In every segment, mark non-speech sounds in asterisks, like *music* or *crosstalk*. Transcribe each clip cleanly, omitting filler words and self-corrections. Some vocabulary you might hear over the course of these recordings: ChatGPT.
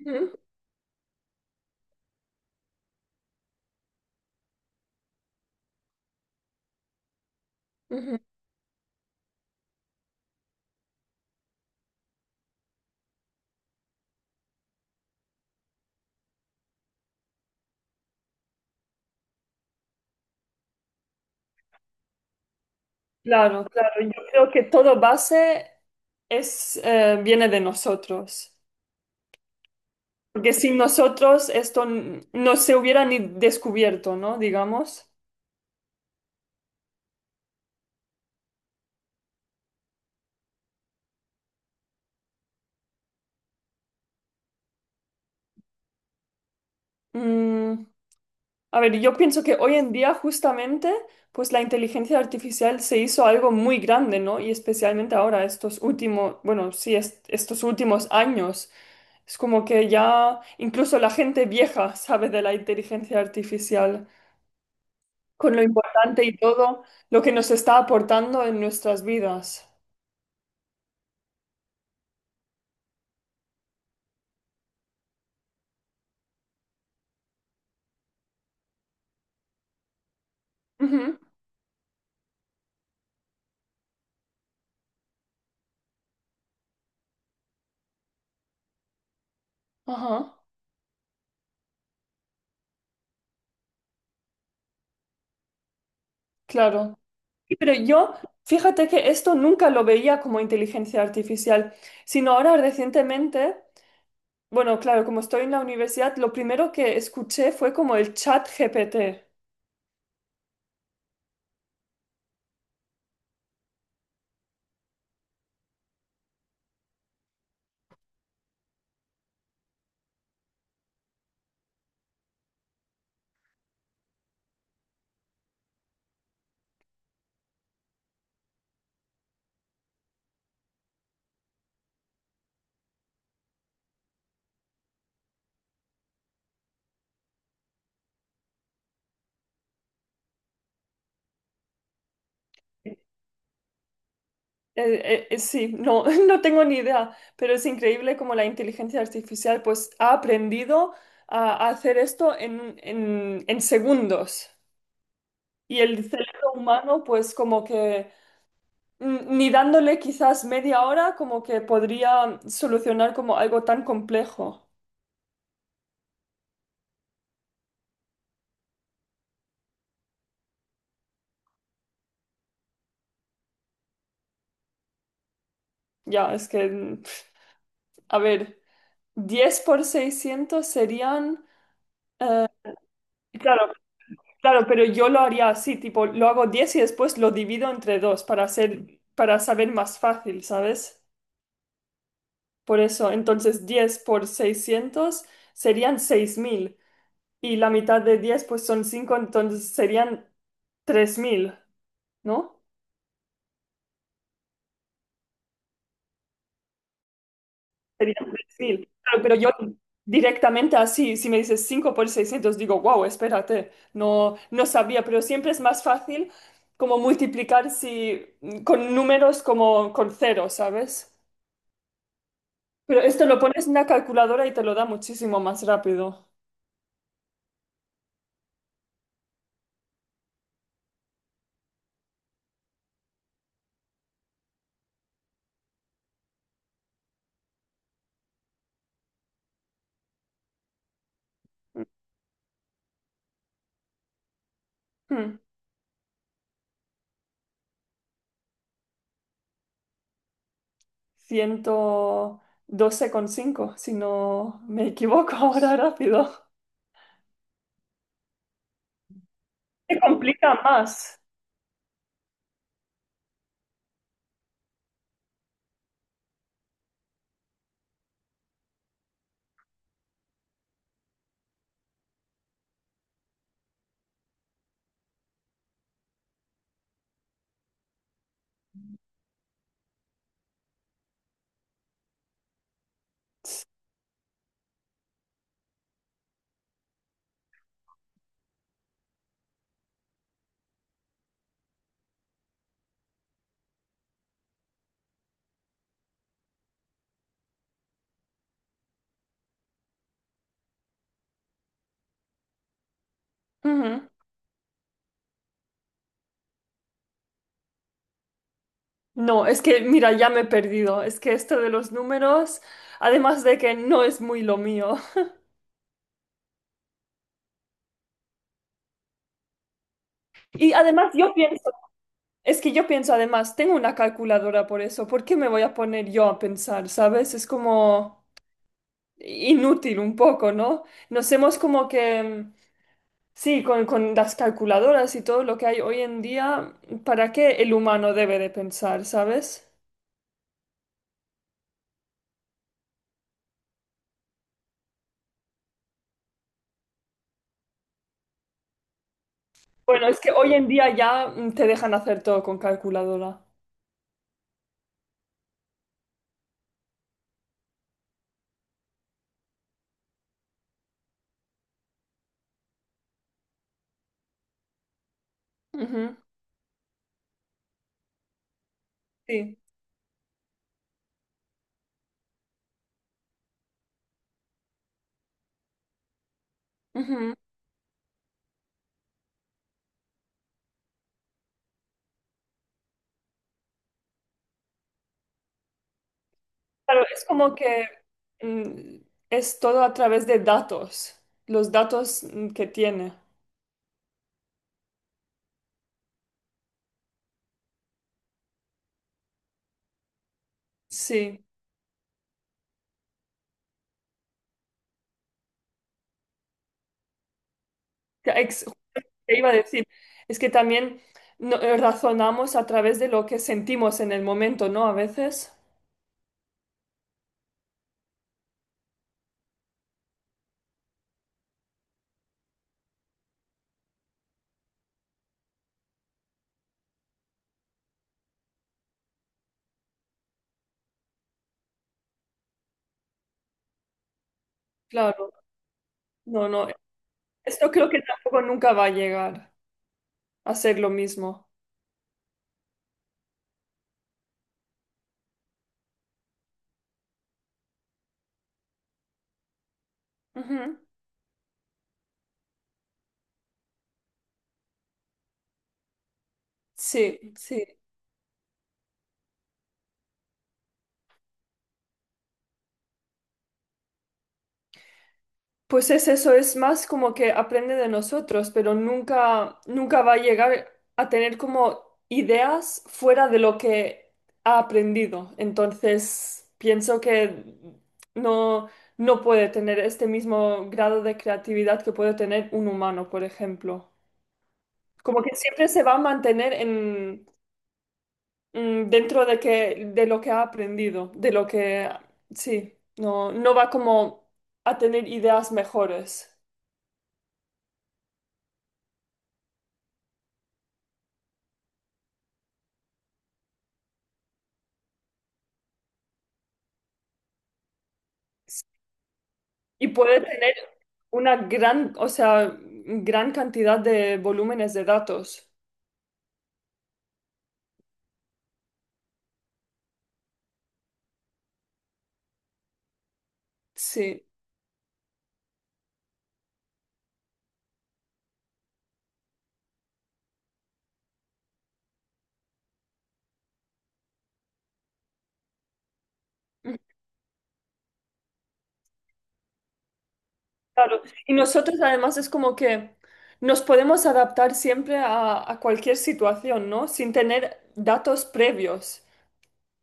Ujú, ujú. Claro, claro. Yo creo que todo base viene de nosotros. Porque sin nosotros esto no se hubiera ni descubierto, ¿no? Digamos. Mm, a ver, yo pienso que hoy en día justamente, pues la inteligencia artificial se hizo algo muy grande, ¿no? Y especialmente ahora, estos últimos, bueno, sí, estos últimos años. Es como que ya incluso la gente vieja sabe de la inteligencia artificial, con lo importante y todo lo que nos está aportando en nuestras vidas. Ujú, ajá, claro. Y Pero yo, fíjate que esto nunca lo veía como inteligencia artificial, sino ahora recientemente, bueno, claro, como estoy en la universidad, lo primero que escuché fue como el chat GPT. Sí, no, *laughs* no tengo ni idea, pero es increíble cómo la inteligencia artificial pues ha aprendido a hacer esto en segundos. Y el cerebro humano, pues como que ni dándole quizás media hora, como que podría solucionar como algo tan complejo. Ya, es que, a ver, 10 por 600 serían... eh, claro, claro, pero yo lo haría así, tipo, lo hago 10 y después lo divido entre dos para hacer, para saber más fácil, ¿sabes? Por eso, entonces 10 por 600 serían 6.000 y la mitad de 10 pues son cinco, entonces serían tres mil, ¿no? Sería un perfil. Claro, pero yo directamente así, si me dices 5 por 600 digo, wow, espérate, no, no sabía, pero siempre es más fácil como multiplicar si, con números como con ceros, ¿sabes? Pero esto lo pones en una calculadora y te lo da muchísimo más rápido. Hmm, ciento doce coma cinco si no me equivoco ahora rápido. Se complica más. Ujú. No, es que, mira, ya me he perdido. Es que esto de los números, además de que no es muy lo mío. Y además yo pienso, es que yo pienso además, tengo una calculadora por eso, ¿por qué me voy a poner yo a pensar, sabes? Es como inútil un poco, ¿no? Nos hemos como que, sí, con las calculadoras y todo lo que hay hoy en día, ¿para qué el humano debe de pensar, sabes? Bueno, es que hoy en día ya te dejan hacer todo con calculadora. Ujú, sí. Ujú. Claro, es como que mm, es todo a través de datos, los datos que tiene. Sí, Que ex- te iba a decir, es que también razonamos a través de lo que sentimos en el momento, ¿no? A veces, claro, no, no, esto creo que tampoco nunca va a llegar a ser lo mismo. Ujú. Sí, sí. Pues es eso, es más como que aprende de nosotros, pero nunca, nunca va a llegar a tener como ideas fuera de lo que ha aprendido. Entonces, pienso que no, no puede tener este mismo grado de creatividad que puede tener un humano, por ejemplo. Como que siempre se va a mantener en, dentro de que, de lo que ha aprendido, de lo que, sí, no, no va como a tener ideas mejores. Y puede tener una gran, o sea, gran cantidad de volúmenes de datos. Sí, claro. Y nosotros además es como que nos podemos adaptar siempre a cualquier situación, ¿no? Sin tener datos previos.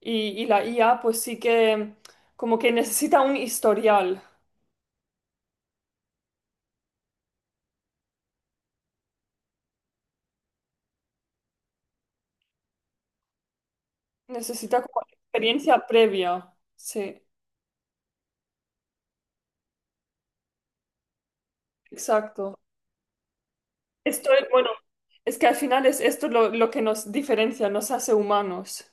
Y la IA pues sí que como que necesita un historial, necesita como experiencia previa. Sí, exacto. Esto es, bueno, es que al final es esto lo que nos diferencia, nos hace humanos.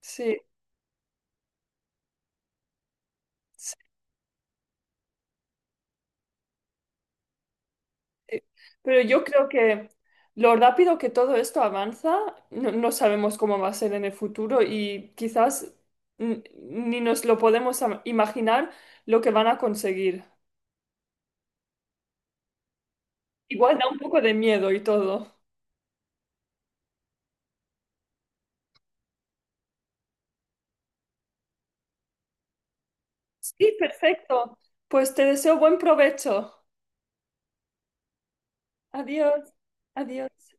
Sí. Sí, pero yo creo que lo rápido que todo esto avanza, no, no sabemos cómo va a ser en el futuro y quizás ni nos lo podemos imaginar lo que van a conseguir. Igual da un poco de miedo y todo. Sí, perfecto. Pues te deseo buen provecho. Adiós. Adiós.